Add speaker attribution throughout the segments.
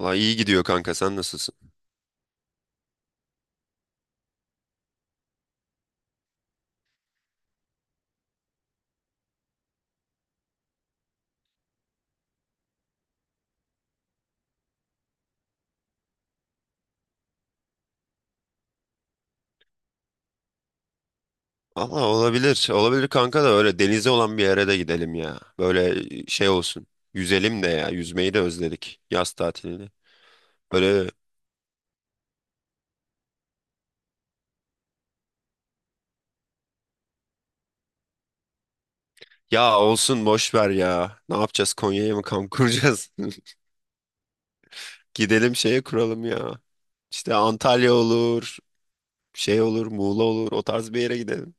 Speaker 1: Valla iyi gidiyor kanka, sen nasılsın? Valla olabilir. Olabilir kanka, da öyle denize olan bir yere de gidelim ya. Böyle şey olsun. Yüzelim de ya. Yüzmeyi de özledik, yaz tatilini. Böyle ya olsun, boş ver ya. Ne yapacağız, Konya'ya mı kamp kuracağız? Gidelim şeye kuralım ya. İşte Antalya olur. Şey olur, Muğla olur, o tarz bir yere gidelim.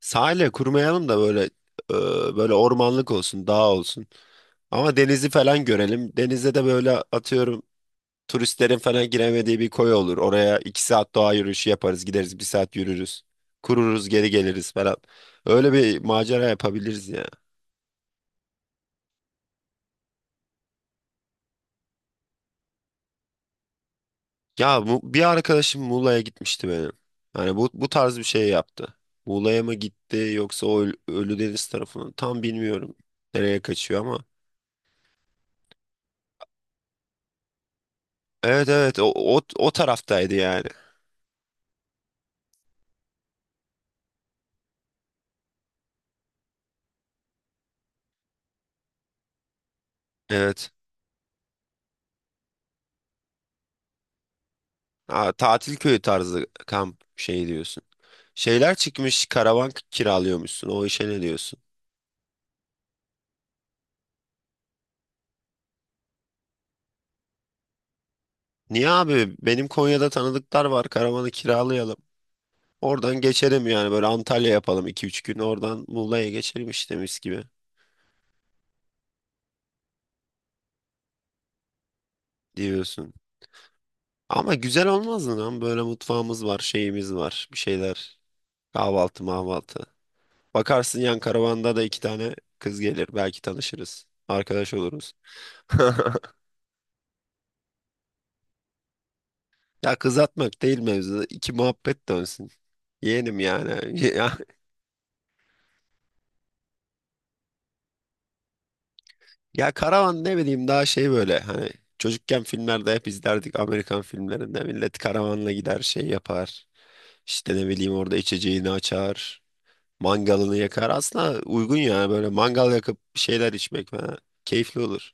Speaker 1: Sahile kurmayalım da böyle böyle ormanlık olsun, dağ olsun. Ama denizi falan görelim. Denizde de böyle atıyorum turistlerin falan giremediği bir koy olur. Oraya iki saat doğa yürüyüşü yaparız. Gideriz, bir saat yürürüz. Kururuz, geri geliriz falan. Öyle bir macera yapabiliriz ya. Ya bu, bir arkadaşım Muğla'ya gitmişti benim. Hani bu, bu tarz bir şey yaptı. Muğla'ya mı gitti yoksa o Ölüdeniz tarafına tam bilmiyorum. Nereye kaçıyor ama. Evet evet, o taraftaydı yani. Evet. Ha, tatil köyü tarzı kamp şey diyorsun. Şeyler çıkmış, karavan kiralıyormuşsun. O işe ne diyorsun? Niye abi? Benim Konya'da tanıdıklar var. Karavanı kiralayalım. Oradan geçelim yani, böyle Antalya yapalım, iki üç gün oradan Muğla'ya geçelim, işte mis gibi diyorsun. Ama güzel olmaz mı lan? Böyle mutfağımız var, şeyimiz var, bir şeyler. Kahvaltı, mahvaltı. Bakarsın yan karavanda da iki tane kız gelir. Belki tanışırız. Arkadaş oluruz. Ya kız atmak değil mevzu. İki muhabbet dönsün. Yeğenim yani. Ya karavan ne bileyim, daha şey böyle hani çocukken filmlerde hep izlerdik, Amerikan filmlerinde millet karavanla gider şey yapar. İşte ne bileyim, orada içeceğini açar, mangalını yakar. Aslında uygun yani, böyle mangal yakıp bir şeyler içmek falan keyifli olur.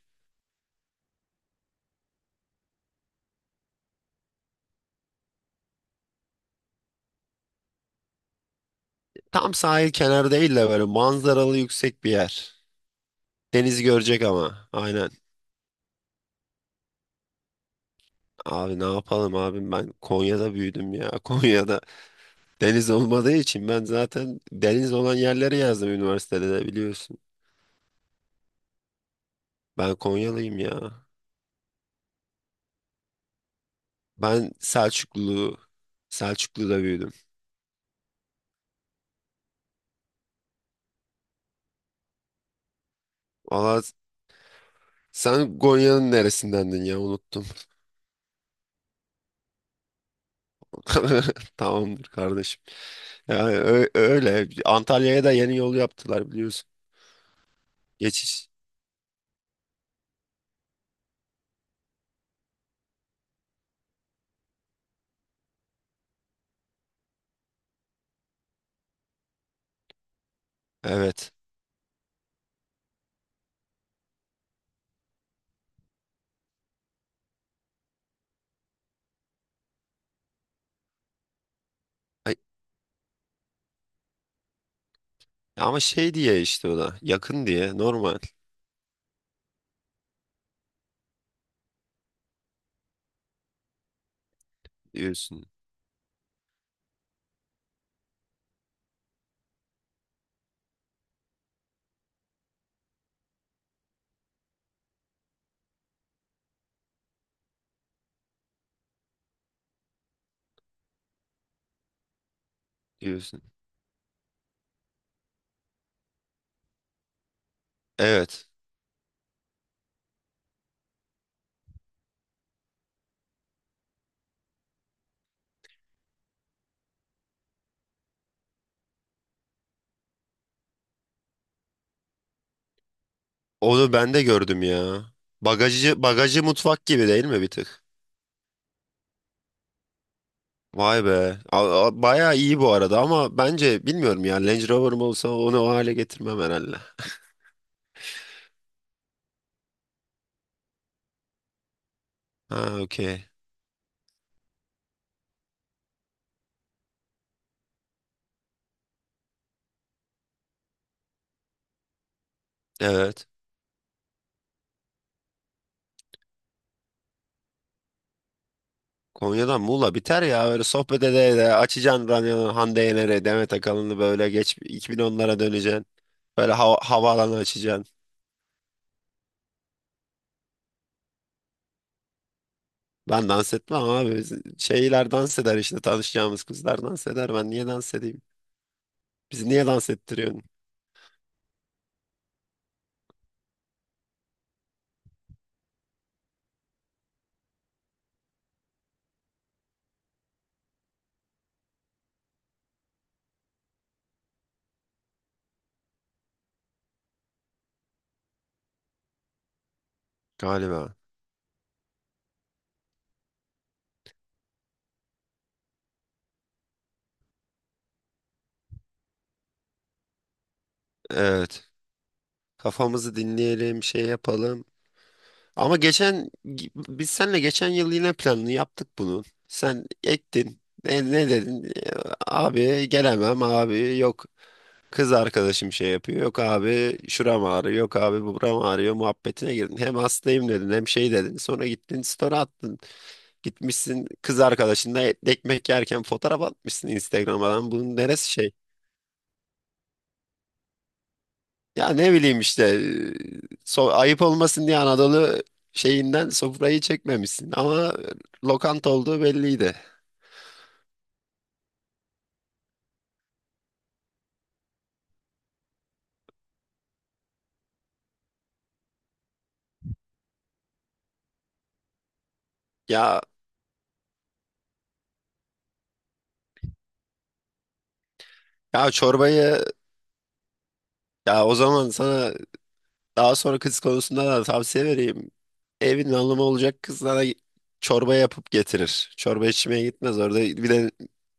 Speaker 1: Tam sahil kenarı değil de böyle manzaralı yüksek bir yer. Denizi görecek ama, aynen. Abi ne yapalım abim, ben Konya'da büyüdüm ya. Konya'da deniz olmadığı için ben zaten deniz olan yerleri yazdım üniversitede de, biliyorsun. Ben Konyalıyım ya. Ben Selçuklu, Selçuklu'da büyüdüm. Valla sen Konya'nın neresindendin ya, unuttum. Tamamdır kardeşim. Yani öyle. Antalya'ya da yeni yol yaptılar, biliyorsun. Geçiş. Evet. Ay, ama şey diye işte o da. Yakın diye normal diyorsun. Diyorsun. Evet. Onu ben de gördüm ya. Bagajı mutfak gibi değil mi bir tık? Vay be. Bayağı iyi bu arada ama, bence bilmiyorum ya. Range Rover'ım olsa onu o hale getirmem herhalde. Ha, okey. Evet. Konya'dan Muğla biter ya. Öyle sohbet ede ede açacaksın radyonu, Hande Yener'e, Demet Akalın'ı, böyle geç 2010'lara döneceksin. Böyle havaalanı açacaksın. Ben dans etmem abi. Şeyler dans eder, işte tanışacağımız kızlar dans eder. Ben niye dans edeyim? Bizi niye dans ettiriyorsun? Galiba. Evet. Kafamızı dinleyelim, şey yapalım. Ama geçen biz seninle geçen yıl yine planını yaptık bunu. Sen ektin. Ne dedin? Abi gelemem abi, yok. Kız arkadaşım şey yapıyor. Yok abi, şuram ağrıyor. Yok abi, buram ağrıyor. Muhabbetine girdin. Hem hastayım dedin, hem şey dedin. Sonra gittin, story attın. Gitmişsin, kız arkadaşınla ekmek yerken fotoğraf atmışsın Instagram'a. Lan, bunun neresi şey? Ya ne bileyim işte, so ayıp olmasın diye Anadolu şeyinden sofrayı çekmemişsin ama lokanta olduğu belliydi. Ya ya çorbayı, ya o zaman sana daha sonra kız konusunda da tavsiye vereyim. Evin hanımı olacak kız sana çorba yapıp getirir. Çorba içmeye gitmez orada, bir de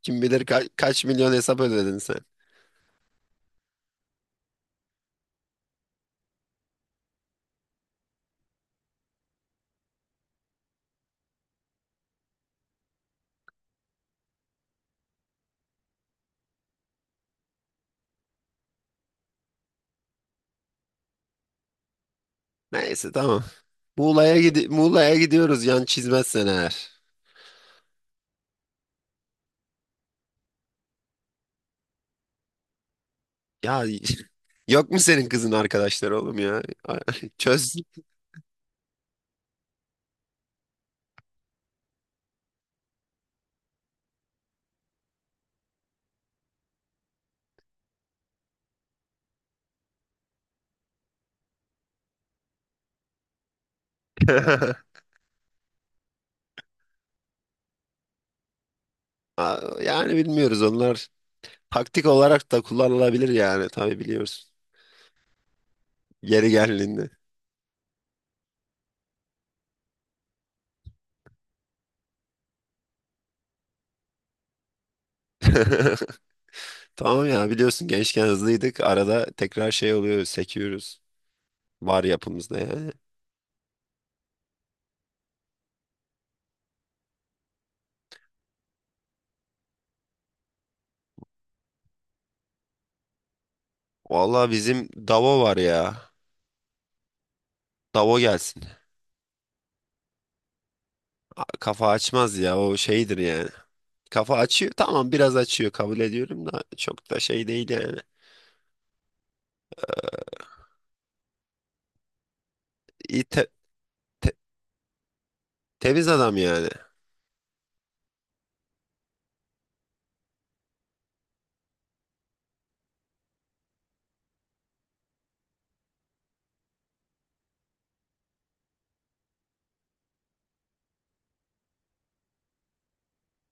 Speaker 1: kim bilir kaç milyon hesap ödedin sen. Neyse tamam. Muğla'ya gidiyoruz, yan çizmezsen eğer. Ya, yok mu senin kızın arkadaşları oğlum ya? Çöz. Aa, yani bilmiyoruz onlar. Taktik olarak da kullanılabilir yani, tabii biliyoruz. Yeri geldiğinde. Tamam ya, biliyorsun gençken hızlıydık. Arada tekrar şey oluyor, sekiyoruz. Var yapımızda yani. Vallahi bizim Davo var ya. Davo gelsin. Kafa açmaz ya, o şeydir yani. Kafa açıyor, tamam biraz açıyor kabul ediyorum da çok da şey değil yani. İyi te- temiz adam yani.